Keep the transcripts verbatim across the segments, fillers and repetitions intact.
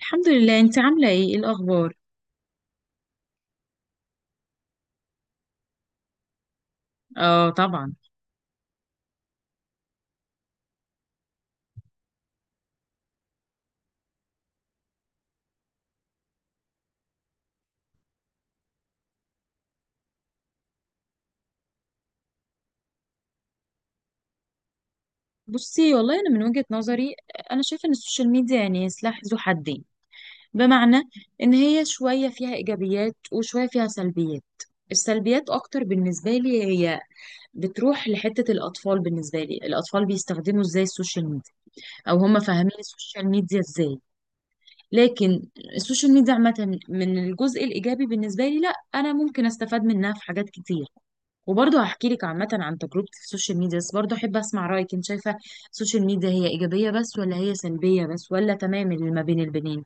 الحمد لله، انت عامله ايه؟ ايه الاخبار؟ اه طبعا. بصي والله انا من وجهة نظري انا شايفه ان السوشيال ميديا يعني سلاح ذو حدين. بمعنى ان هي شويه فيها ايجابيات وشويه فيها سلبيات. السلبيات اكتر بالنسبه لي هي بتروح لحته الاطفال، بالنسبه لي الاطفال بيستخدموا ازاي السوشيال ميديا او هم فاهمين السوشيال ميديا ازاي. لكن السوشيال ميديا عامة من الجزء الإيجابي بالنسبة لي، لا أنا ممكن أستفاد منها في حاجات كتير. وبرضه هحكي لك عامة عن تجربتي في السوشيال ميديا بس برضه أحب أسمع رأيك. أنت شايفة السوشيال ميديا هي إيجابية بس ولا هي سلبية بس ولا تمام اللي ما بين البنين؟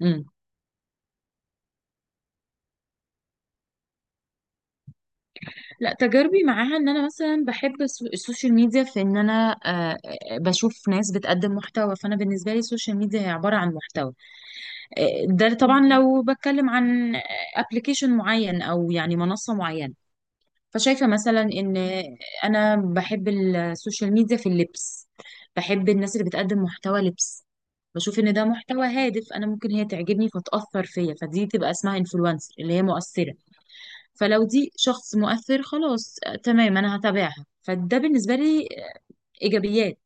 مم. لا تجاربي معاها ان انا مثلا بحب السو- السوشيال ميديا في ان انا آه، آه، بشوف ناس بتقدم محتوى، فانا بالنسبه لي السوشيال ميديا هي عباره عن محتوى. آه، ده طبعا لو بتكلم عن ابلكيشن معين او يعني منصه معينه. فشايفة مثلا إن أنا بحب السوشيال ميديا في اللبس، بحب الناس اللي بتقدم محتوى لبس، بشوف إن ده محتوى هادف. أنا ممكن هي تعجبني فتأثر فيا، فدي تبقى اسمها إنفلونسر اللي هي مؤثرة. فلو دي شخص مؤثر خلاص، آه، تمام أنا هتابعها، فده بالنسبة لي آه، إيجابيات.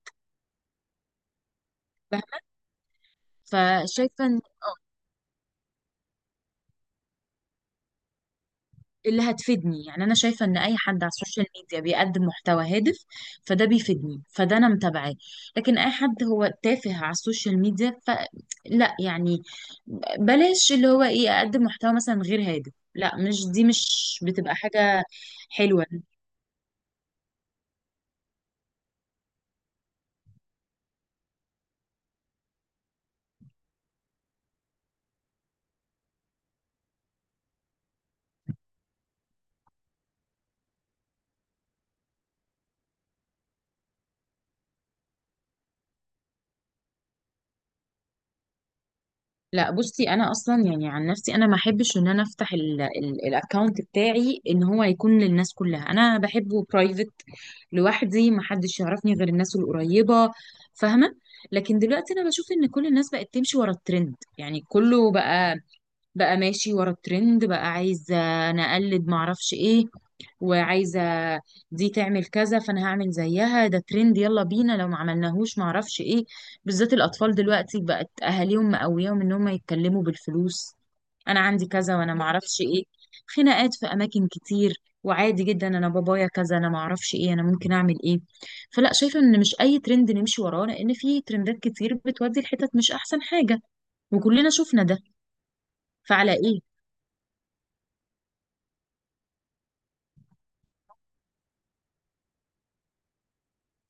فشايفة اللي هتفيدني، يعني انا شايفه ان اي حد على السوشيال ميديا بيقدم محتوى هادف فده بيفيدني فده انا متابعاه. لكن اي حد هو تافه على السوشيال ميديا فلا، يعني بلاش اللي هو ايه، اقدم محتوى مثلا غير هادف، لا مش دي، مش بتبقى حاجه حلوه. لا بصي انا اصلا يعني عن نفسي انا ما احبش ان انا افتح الاكونت بتاعي ان هو يكون للناس كلها، انا بحبه برايفت لوحدي، ما حدش يعرفني غير الناس القريبه، فاهمه؟ لكن دلوقتي انا بشوف ان كل الناس بقت تمشي ورا الترند، يعني كله بقى، بقى ماشي ورا الترند، بقى عايزة انا اقلد معرفش ايه، وعايزة دي تعمل كذا فانا هعمل زيها، ده ترند يلا بينا، لو ما عملناهوش معرفش ايه. بالذات الاطفال دلوقتي بقت اهاليهم مقوياهم ان هم يتكلموا بالفلوس، انا عندي كذا وانا معرفش ايه. خناقات في اماكن كتير وعادي جدا، انا بابايا كذا، انا معرفش ايه، انا ممكن اعمل ايه. فلا، شايفة ان مش اي ترند نمشي وراه لان في ترندات كتير بتودي الحتت مش احسن حاجة، وكلنا شفنا ده. فعلى ايه.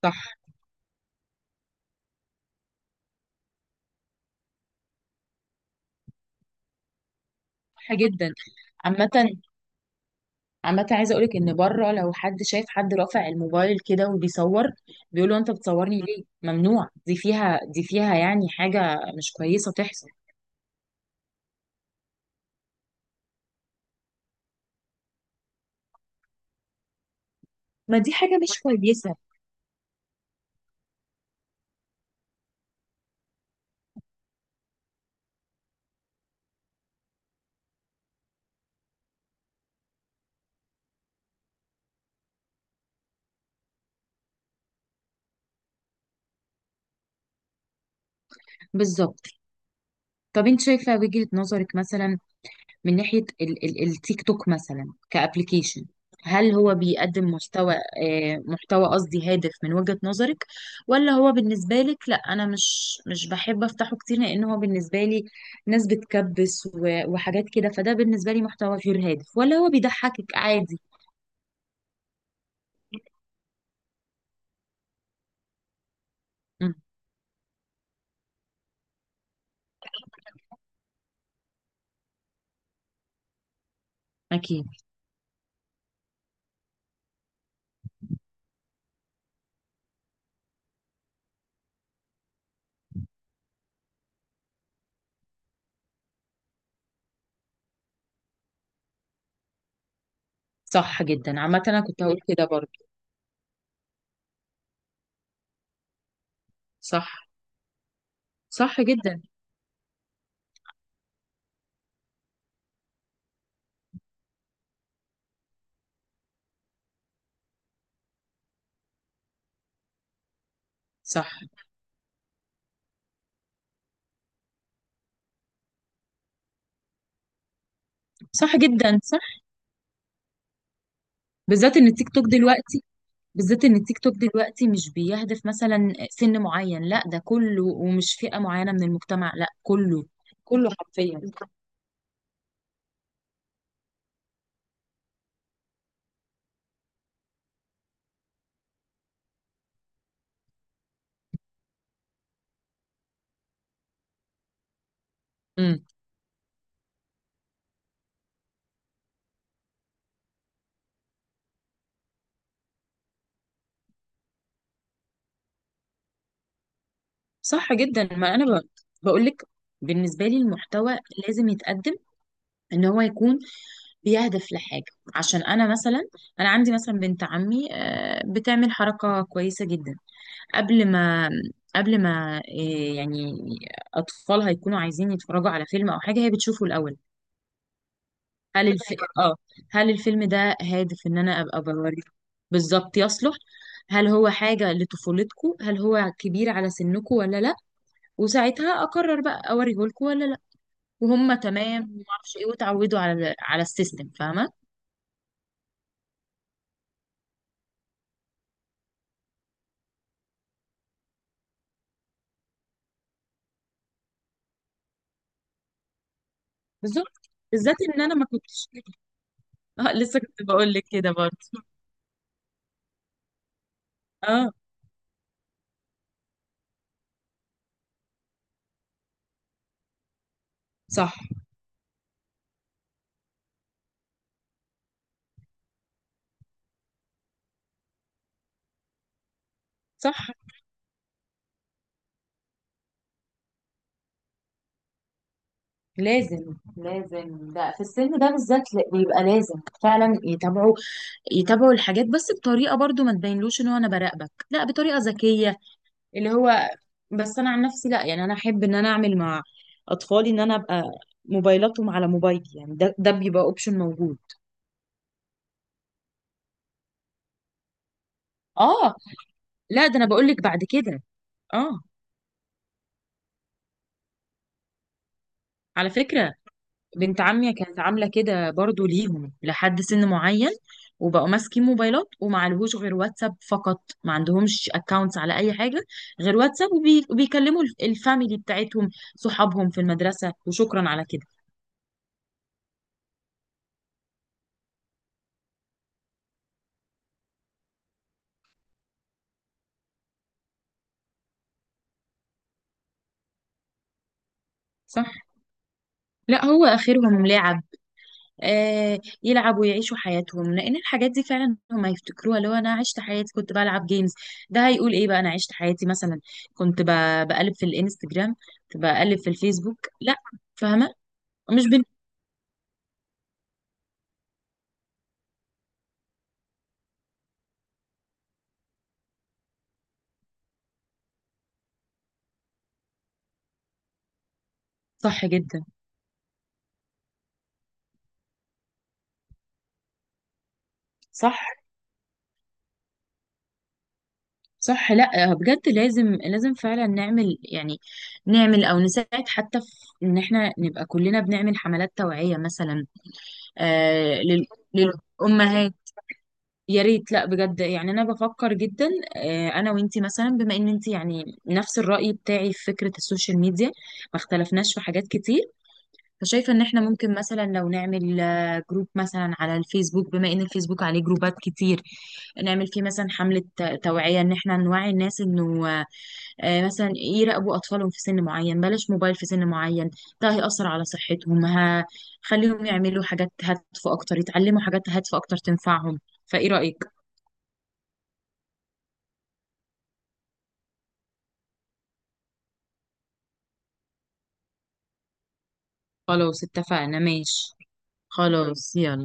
صح. صح جدا. عامة، عامة عايزة اقولك ان بره لو حد شايف حد رافع الموبايل كده وبيصور، بيقولوا انت بتصورني ليه؟ ممنوع، دي فيها، دي فيها يعني حاجة مش كويسة تحصل. ما دي حاجة مش كويسة. بالظبط. طب انت شايفة وجهة نظرك مثلا من ناحية ال- ال- التيك توك مثلا كأبليكيشن؟ هل هو بيقدم محتوى آه، محتوى قصدي هادف من وجهة نظرك، ولا هو بالنسبة لك لا أنا مش مش بحب أفتحه كتير لأن هو بالنسبة لي ناس بتكبس و- وحاجات كده، فده بالنسبة لي محتوى غير هادف، ولا هو بيضحكك عادي؟ مم، أكيد. صح جدا، عامة أنا كنت هقول كده برضه. صح. صح جدا. صح. صح جدا. صح، بالذات إن التيك توك دلوقتي، بالذات ان التيك توك دلوقتي مش بيهدف مثلا سن معين، لا ده كله، ومش فئة معينة من المجتمع، لا كله، كله حرفيا. امم. صح جدا. ما انا ب... بقول لك، بالنسبة لي المحتوى لازم يتقدم ان هو يكون بيهدف لحاجة. عشان انا مثلا، انا عندي مثلا بنت عمي آه، بتعمل حركة كويسة جدا. قبل ما قبل ما آه، يعني اطفالها يكونوا عايزين يتفرجوا على فيلم او حاجة، هي بتشوفه الاول. هل الف... اه، هل الفيلم ده هادف ان انا ابقى بوريه؟ بالظبط يصلح. هل هو حاجة لطفولتكو، هل هو كبير على سنكو ولا لا؟ وساعتها اقرر بقى اوريه لكم ولا لا، وهم تمام، وما اعرفش ايه، وتعودوا على ال- على السيستم، فاهمة؟ بالظبط، بالذات ان انا ما كنتش كده. اه، لسه كنت بقول لك كده برضه. اه. صح. صح، لازم لازم ده في السن ده بالذات، ل- بيبقى لازم فعلا يتابعوا، يتابعوا الحاجات بس بطريقه، برضو ما تبينلوش ان هو انا براقبك، لا بطريقه ذكيه. اللي هو بس انا عن نفسي لا، يعني انا احب ان انا اعمل مع اطفالي ان انا ابقى موبايلاتهم على موبايلي، يعني ده ده بيبقى اوبشن موجود. اه. لا ده انا بقول لك بعد كده. اه. على فكره، بنت عمي كانت عاملة كده برضو ليهم لحد سن معين، وبقوا ماسكين موبايلات وما عليهوش غير واتساب فقط، ما عندهمش اكونتس على اي حاجة غير واتساب، وبي... وبيكلموا الف- الفاميلي بتاعتهم، صحابهم في المدرسة، وشكرا على كده. صح. لا هو اخرهم لعب. آه يلعب ويعيشوا حياتهم، لان الحاجات دي فعلا هم يفتكروها، اللي هو انا عشت حياتي كنت بلعب جيمز. ده هيقول ايه بقى، انا عشت حياتي مثلا كنت ب... بقلب في الانستجرام، كنت بقلب في الفيسبوك، لا. فاهمة؟ مش صح جدا. صح. صح، لا بجد لازم لازم فعلا نعمل يعني، نعمل او نساعد حتى في ان احنا نبقى كلنا بنعمل حملات توعية مثلا، آه لل... للامهات. يا ريت، لا بجد يعني انا بفكر جدا، آه انا وانتي مثلا، بما ان انتي يعني نفس الرأي بتاعي في فكرة السوشيال ميديا، ما اختلفناش في حاجات كتير. فشايفة ان احنا ممكن مثلا لو نعمل آه، جروب مثلا على الفيسبوك، بما ان الفيسبوك عليه جروبات كتير، نعمل فيه مثلا حملة ت- توعية ان احنا نوعي الناس انه آه، آه، مثلا يراقبوا اطفالهم في سن معين، بلاش موبايل في سن معين، ده هيأثر على صحتهم. ه- خليهم يعملوا حاجات هادفة اكتر، يتعلموا حاجات هادفة اكتر تنفعهم. فايه رأيك؟ خلاص اتفقنا، ماشي. خلاص يلا.